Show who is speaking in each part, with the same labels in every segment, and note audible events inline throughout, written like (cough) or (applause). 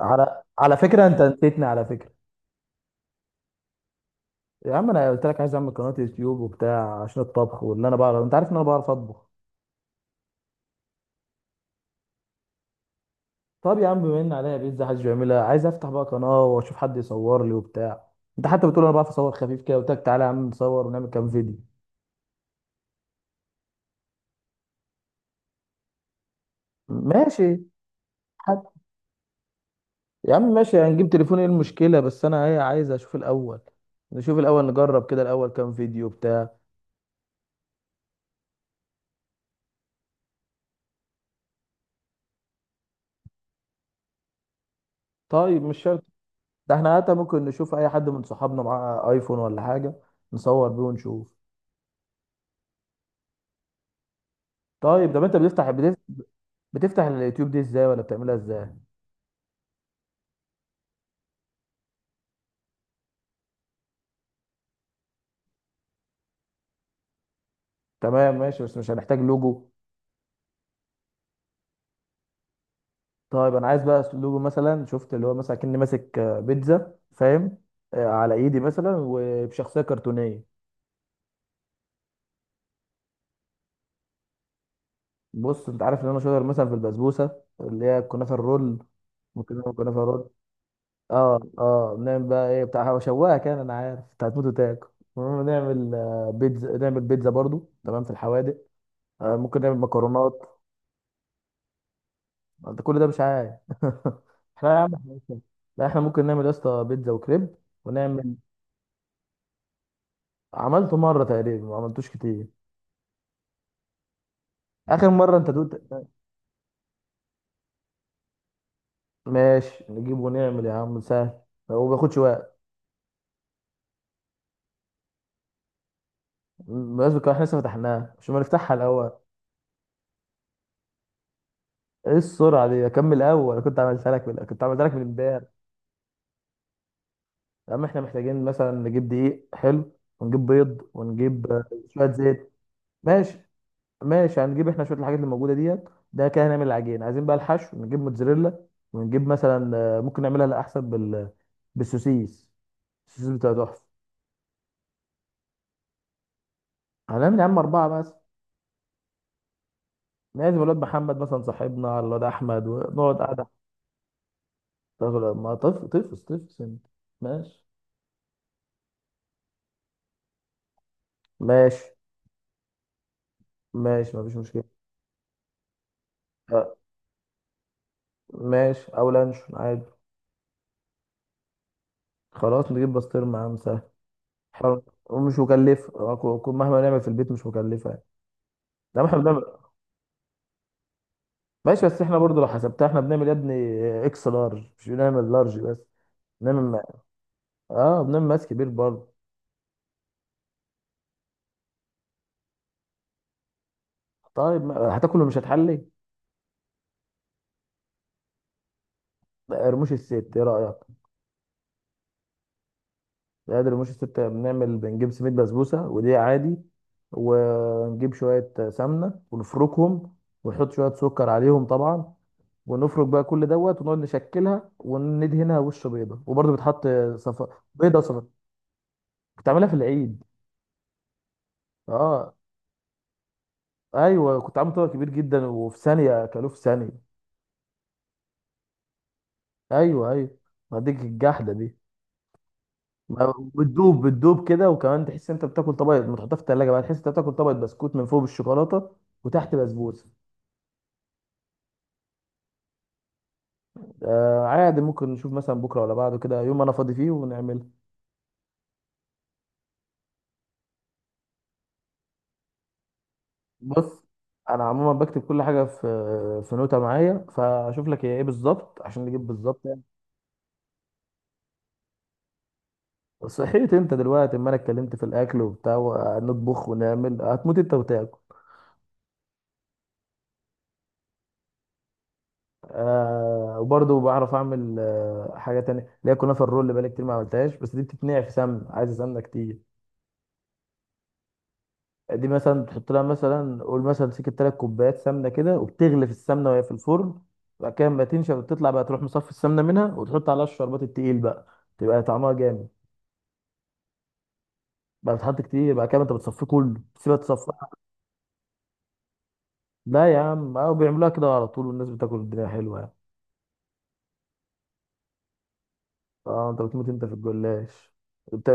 Speaker 1: على فكره، انت نسيتني على فكره. يا عم انا قلت لك عايز اعمل قناه يوتيوب وبتاع عشان الطبخ، واللي انا بعرف انت عارف ان انا بعرف اطبخ. طب يا عم بما ان عليا بيتزا حدش بيعملها، عايز افتح بقى قناه واشوف حد يصور لي وبتاع. انت حتى بتقول انا بعرف اصور خفيف كده، قلت لك تعالى يا عم نصور ونعمل كام فيديو. ماشي. حد. يا عم ماشي هنجيب تليفون، ايه المشكله؟ بس انا ايه، عايز اشوف الاول. نشوف الاول نجرب كده الاول كام فيديو بتاع. طيب مش شرط. ده احنا حتى ممكن نشوف اي حد من صحابنا معاه ايفون ولا حاجه نصور بيه ونشوف. طيب، طب انت بتفتح بتفتح اليوتيوب دي ازاي؟ ولا بتعملها ازاي؟ تمام ماشي، بس مش هنحتاج لوجو؟ طيب انا عايز بقى لوجو مثلا، شفت اللي هو مثلا كأني ماسك بيتزا، فاهم؟ على ايدي مثلا وبشخصيه كرتونيه. بص، انت عارف ان انا شاطر مثلا في البسبوسه اللي هي الكنافه الرول. ممكن نعمل كنافه رول. اه اه نعمل بقى ايه بتاع شواها، كان انا عارف انت هتموت وتاكل. المهم نعمل بيتزا، نعمل بيتزا برضو تمام في الحوادق. ممكن نعمل مكرونات. انت كل ده مش عارف (laughs) احنا يا عم احنا لسه-. لا احنا ممكن نعمل يا اسطى بيتزا وكريب ونعمل. عملته مره تقريبا، ما عملتوش كتير. اخر مره انت دوت. ماشي نجيب ونعمل يا عم سهل، هو ما بياخدش وقت. بالمناسبة كمان احنا لسه فتحناها؟ مش ما نفتحها الاول؟ ايه السرعه دي، اكمل اول، كنت عملتها لك كنت عملتها لك من امبارح. يا عم احنا محتاجين مثلا نجيب دقيق حلو، ونجيب بيض، ونجيب شويه زيت. ماشي. ماشي هنجيب احنا شويه الحاجات اللي موجوده ديت. ده كده هنعمل العجين، عايزين بقى الحشو نجيب موتزاريلا، ونجيب مثلا ممكن نعملها، لا احسن بالسوسيس. السوسيس بتاع تحفه. هنعمل يا عم اربعه مثلا. لازم الواد محمد مثلا صاحبنا على الواد احمد ونقعد قاعده. ما طفس طفس انت. ماشي. ماشي ماشي مفيش مشكله. آه، ماشي او لانشون عادي. خلاص نجيب بسطرمه يا عم سهل. حلو. ومش مكلفه، مهما نعمل في البيت مش مكلفه يعني. لا ما احنا بنعمل. ماشي بس احنا برضو لو حسبتها احنا بنعمل يا ابني اكس لارج، مش بنعمل لارج بس. بنعمل. اه بنعمل ماس كبير برضو. طيب، ما... هتاكل ومش هتحلي؟ لا، رموش الست ايه رايك؟ لا، ده رموش الست، بنعمل بنجيب سميد بسبوسه ودي عادي، ونجيب شويه سمنه ونفركهم، ونحط شويه سكر عليهم طبعا، ونفرك بقى كل دوت ونقعد نشكلها وندهنها وش بيضه وبرضو بتحط. صف... بيضه صفا. بتعملها في العيد. اه، ايوه كنت عامل طبق كبير جدا وفي ثانيه اكلوه في ثانيه. ايوه ايوه. ما ديك الجحده دي. بتدوب بتدوب كده، وكمان تحس انت بتاكل طبق، ما تحطها في التلاجه بقى تحس انت بتاكل طبق بسكوت من فوق بالشوكولاته وتحت بسبوسه. آه عادي، ممكن نشوف مثلا بكره ولا بعده كده يوم انا فاضي فيه ونعملها. بص انا عموما بكتب كل حاجه في نوته معايا، فاشوف لك هي ايه بالظبط عشان نجيب بالظبط يعني. صحيت انت دلوقتي اما انا اتكلمت في الاكل وبتاع ونطبخ ونعمل، هتموت انت وتاكل. آه وبرضه بعرف اعمل آه حاجه تانية اللي هي كنافه الرول اللي بقالي كتير ما عملتهاش، بس دي بتتنقع في سمن، عايزه سمنه كتير. دي مثلا تحط لها مثلا قول مثلا سكه تلات كوبايات سمنه كده، وبتغلي في السمنه وهي في الفرن، وبعد كده لما تنشف وتطلع بقى تروح مصفي السمنه منها، وتحط عليها الشربات التقيل بقى، تبقى طعمها جامد. بقى بتحط كتير بعد كده انت بتصفيه كله، تسيبها تصفى. لا يا عم اه بيعملوها كده على طول والناس بتاكل، الدنيا حلوه يعني. اه انت بتموت انت في الجلاش. انت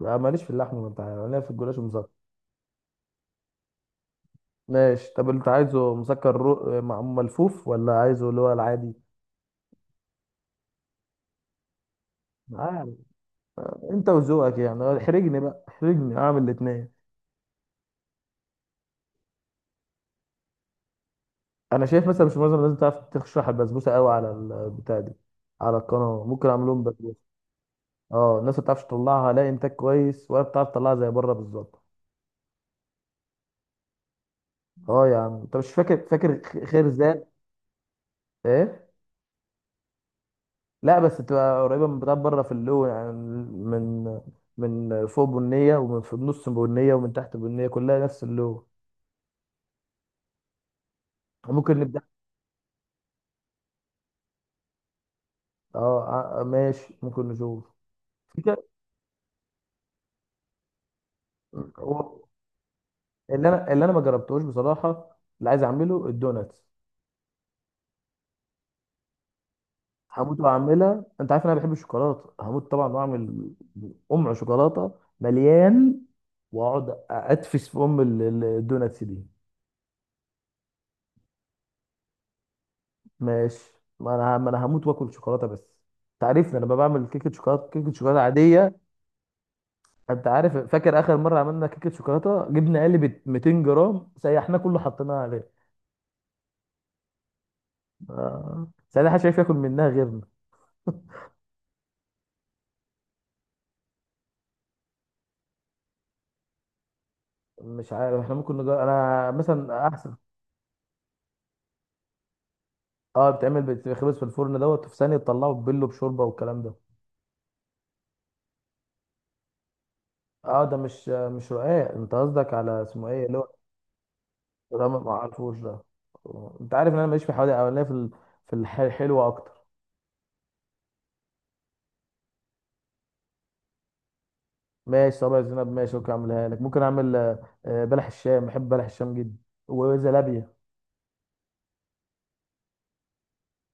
Speaker 1: ماليش في اللحمه، ما انت عارف. انا ليا في الجلاش ومسكر. ماشي، طب انت عايزه مسكر ملفوف ولا عايزه اللي هو العادي؟ عادي. انت وذوقك يعني، اه، احرجني بقى احرجني اعمل الاثنين. انا شايف مثلا مش معظم الناس بتعرف تشرح البسبوسه قوي على البتاع دي، على القناه ممكن اعمل لهم بسبوسه. اه الناس ما بتعرفش تطلعها لا انتاج كويس ولا بتعرف تطلعها زي بره بالظبط. اه يا عم انت مش فاكر فاكر خرزان. ايه. لا بس تبقى قريبه من بتاع بره في اللون، يعني من فوق بنيه ومن في النص بنيه ومن تحت بنيه، كلها نفس اللون. ممكن نبدا. اه. ماشي ممكن نشوف. في ك- هو اللي انا ما جربتهوش بصراحه، اللي عايز اعمله الدوناتس. هموت واعملها، انت عارف إن انا بحب الشوكولاته، هموت طبعا واعمل ام شوكولاته مليان، واقعد ادفش في ام الدوناتس دي. ماشي. ما انا هموت واكل شوكولاته بس. انت عارفني انا بعمل كيكه شوكولاته، كيكه شوكولاته عاديه. انت عارف فاكر اخر مره عملنا كيكه شوكولاته، جبنا علبه 200 جرام سيحناه كله حطيناه عليه. آه. ساعتها محدش عارف ياكل منها غيرنا. مش عارف، احنا ممكن نجرب انا مثلا احسن. اه بتعمل بتخبز في الفرن دوت في ثانيه تطلعه تبله بشوربه والكلام ده. اه ده مش رقاق، انت قصدك على اسمه ايه اللي هو. ده ما اعرفوش ده. انت عارف ان انا ماليش في حوادق اولانيه في ال- في الح- الحلوه اكتر. ماشي صابع الزينب، ماشي ممكن اعملها لك، ممكن اعمل بلح الشام، بحب بلح الشام جدا، وزلابيه.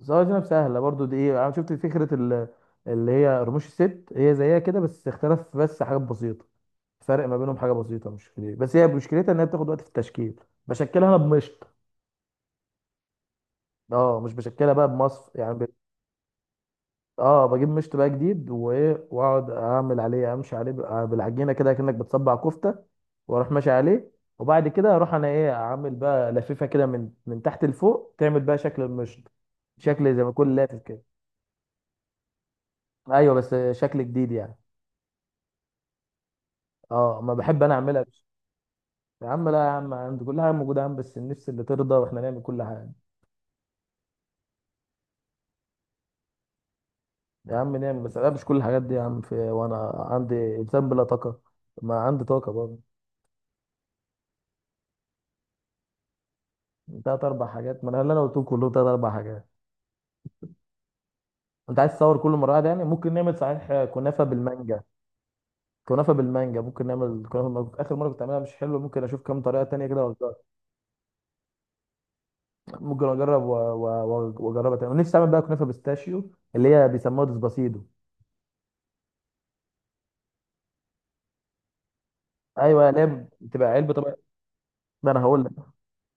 Speaker 1: صابع الزينب سهله برضو، دي ايه انا شفت فكره اللي هي رموش الست، هي زيها كده بس اختلف، بس حاجات بسيطه، فرق ما بينهم حاجه بسيطه مش كبير. بس هي مشكلتها ان هي بتاخد وقت في التشكيل، بشكلها انا بمشط. اه مش بشكلها بقى بمصف يعني اه بجيب مشط بقى جديد، وايه واقعد اعمل عليه امشي عليه بقى بالعجينه كده كانك بتصبع كفته، واروح ماشي عليه. وبعد كده اروح انا ايه اعمل بقى لفيفه كده من تحت لفوق تعمل بقى شكل المشط، شكل زي ما يكون لافف كده. ايوه بس شكل جديد يعني. اه ما بحب انا اعملها يا عم لا يا عم عندي كل حاجه موجوده يا عم، بس النفس اللي ترضى واحنا نعمل كل حاجه. يا عم نعم بس لا مش كل الحاجات دي يا عم، في وانا عندي انسان بلا طاقه، ما عندي طاقه برضه. تلات اربع حاجات، ما انا اللي انا قلتهم كلهم تلات اربع حاجات. انت عايز تصور كل مره واحدة يعني، ممكن نعمل صحيح كنافه بالمانجا. كنافه بالمانجا ممكن نعمل كنافه بالمانجا. اخر مره كنت عاملها مش حلوه، ممكن اشوف كام طريقه تانية كده وأجرب. ممكن اجرب واجربها تاني، ونفسي اعمل بقى كنافه بيستاشيو اللي هي بيسموها ديسباسيدو. ايوه لا بتبقى علبه طبعا. ما انا هقول لك،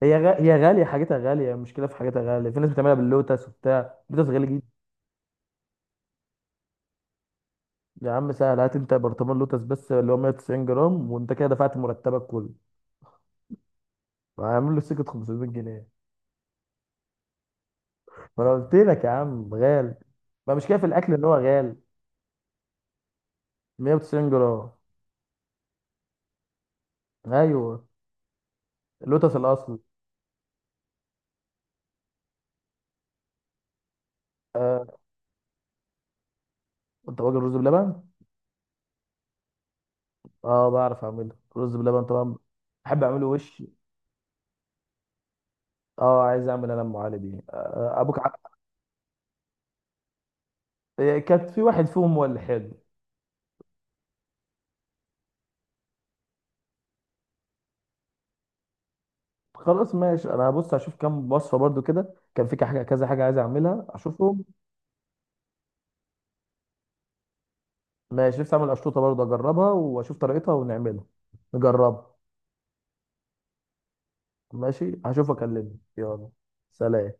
Speaker 1: هي غاليه، حاجتها غاليه، المشكله في حاجتها غاليه، في ناس بتعملها باللوتس وبتاع اللوتس غالي. يا عم سهل، هات انت برطمان لوتس بس اللي هو 190 جرام، وانت كده دفعت مرتبك كله. هعمل له سكه 500 جنيه. ما انا قلت لك يا عم غالي، ما مش كده في الاكل ان هو غالي. 190 جرام. ايوه. اللوتس الاصلي. آه. انت واجد رز بلبن. اه بعرف اعمله رز بلبن طبعا. بحب اعمله وش. اه عايز اعمل انا ام علي دي آه ابوك كانت في واحد فيهم هو اللي حلو. خلاص ماشي انا هبص اشوف كام وصفه برضو كده، كان في حاجه كذا حاجه عايز اعملها اشوفهم. ماشي نفسي اعمل اشطوطه برضه اجربها واشوف طريقتها ونعملها. نجربها. ماشي هشوف اكلمك. يلا سلام.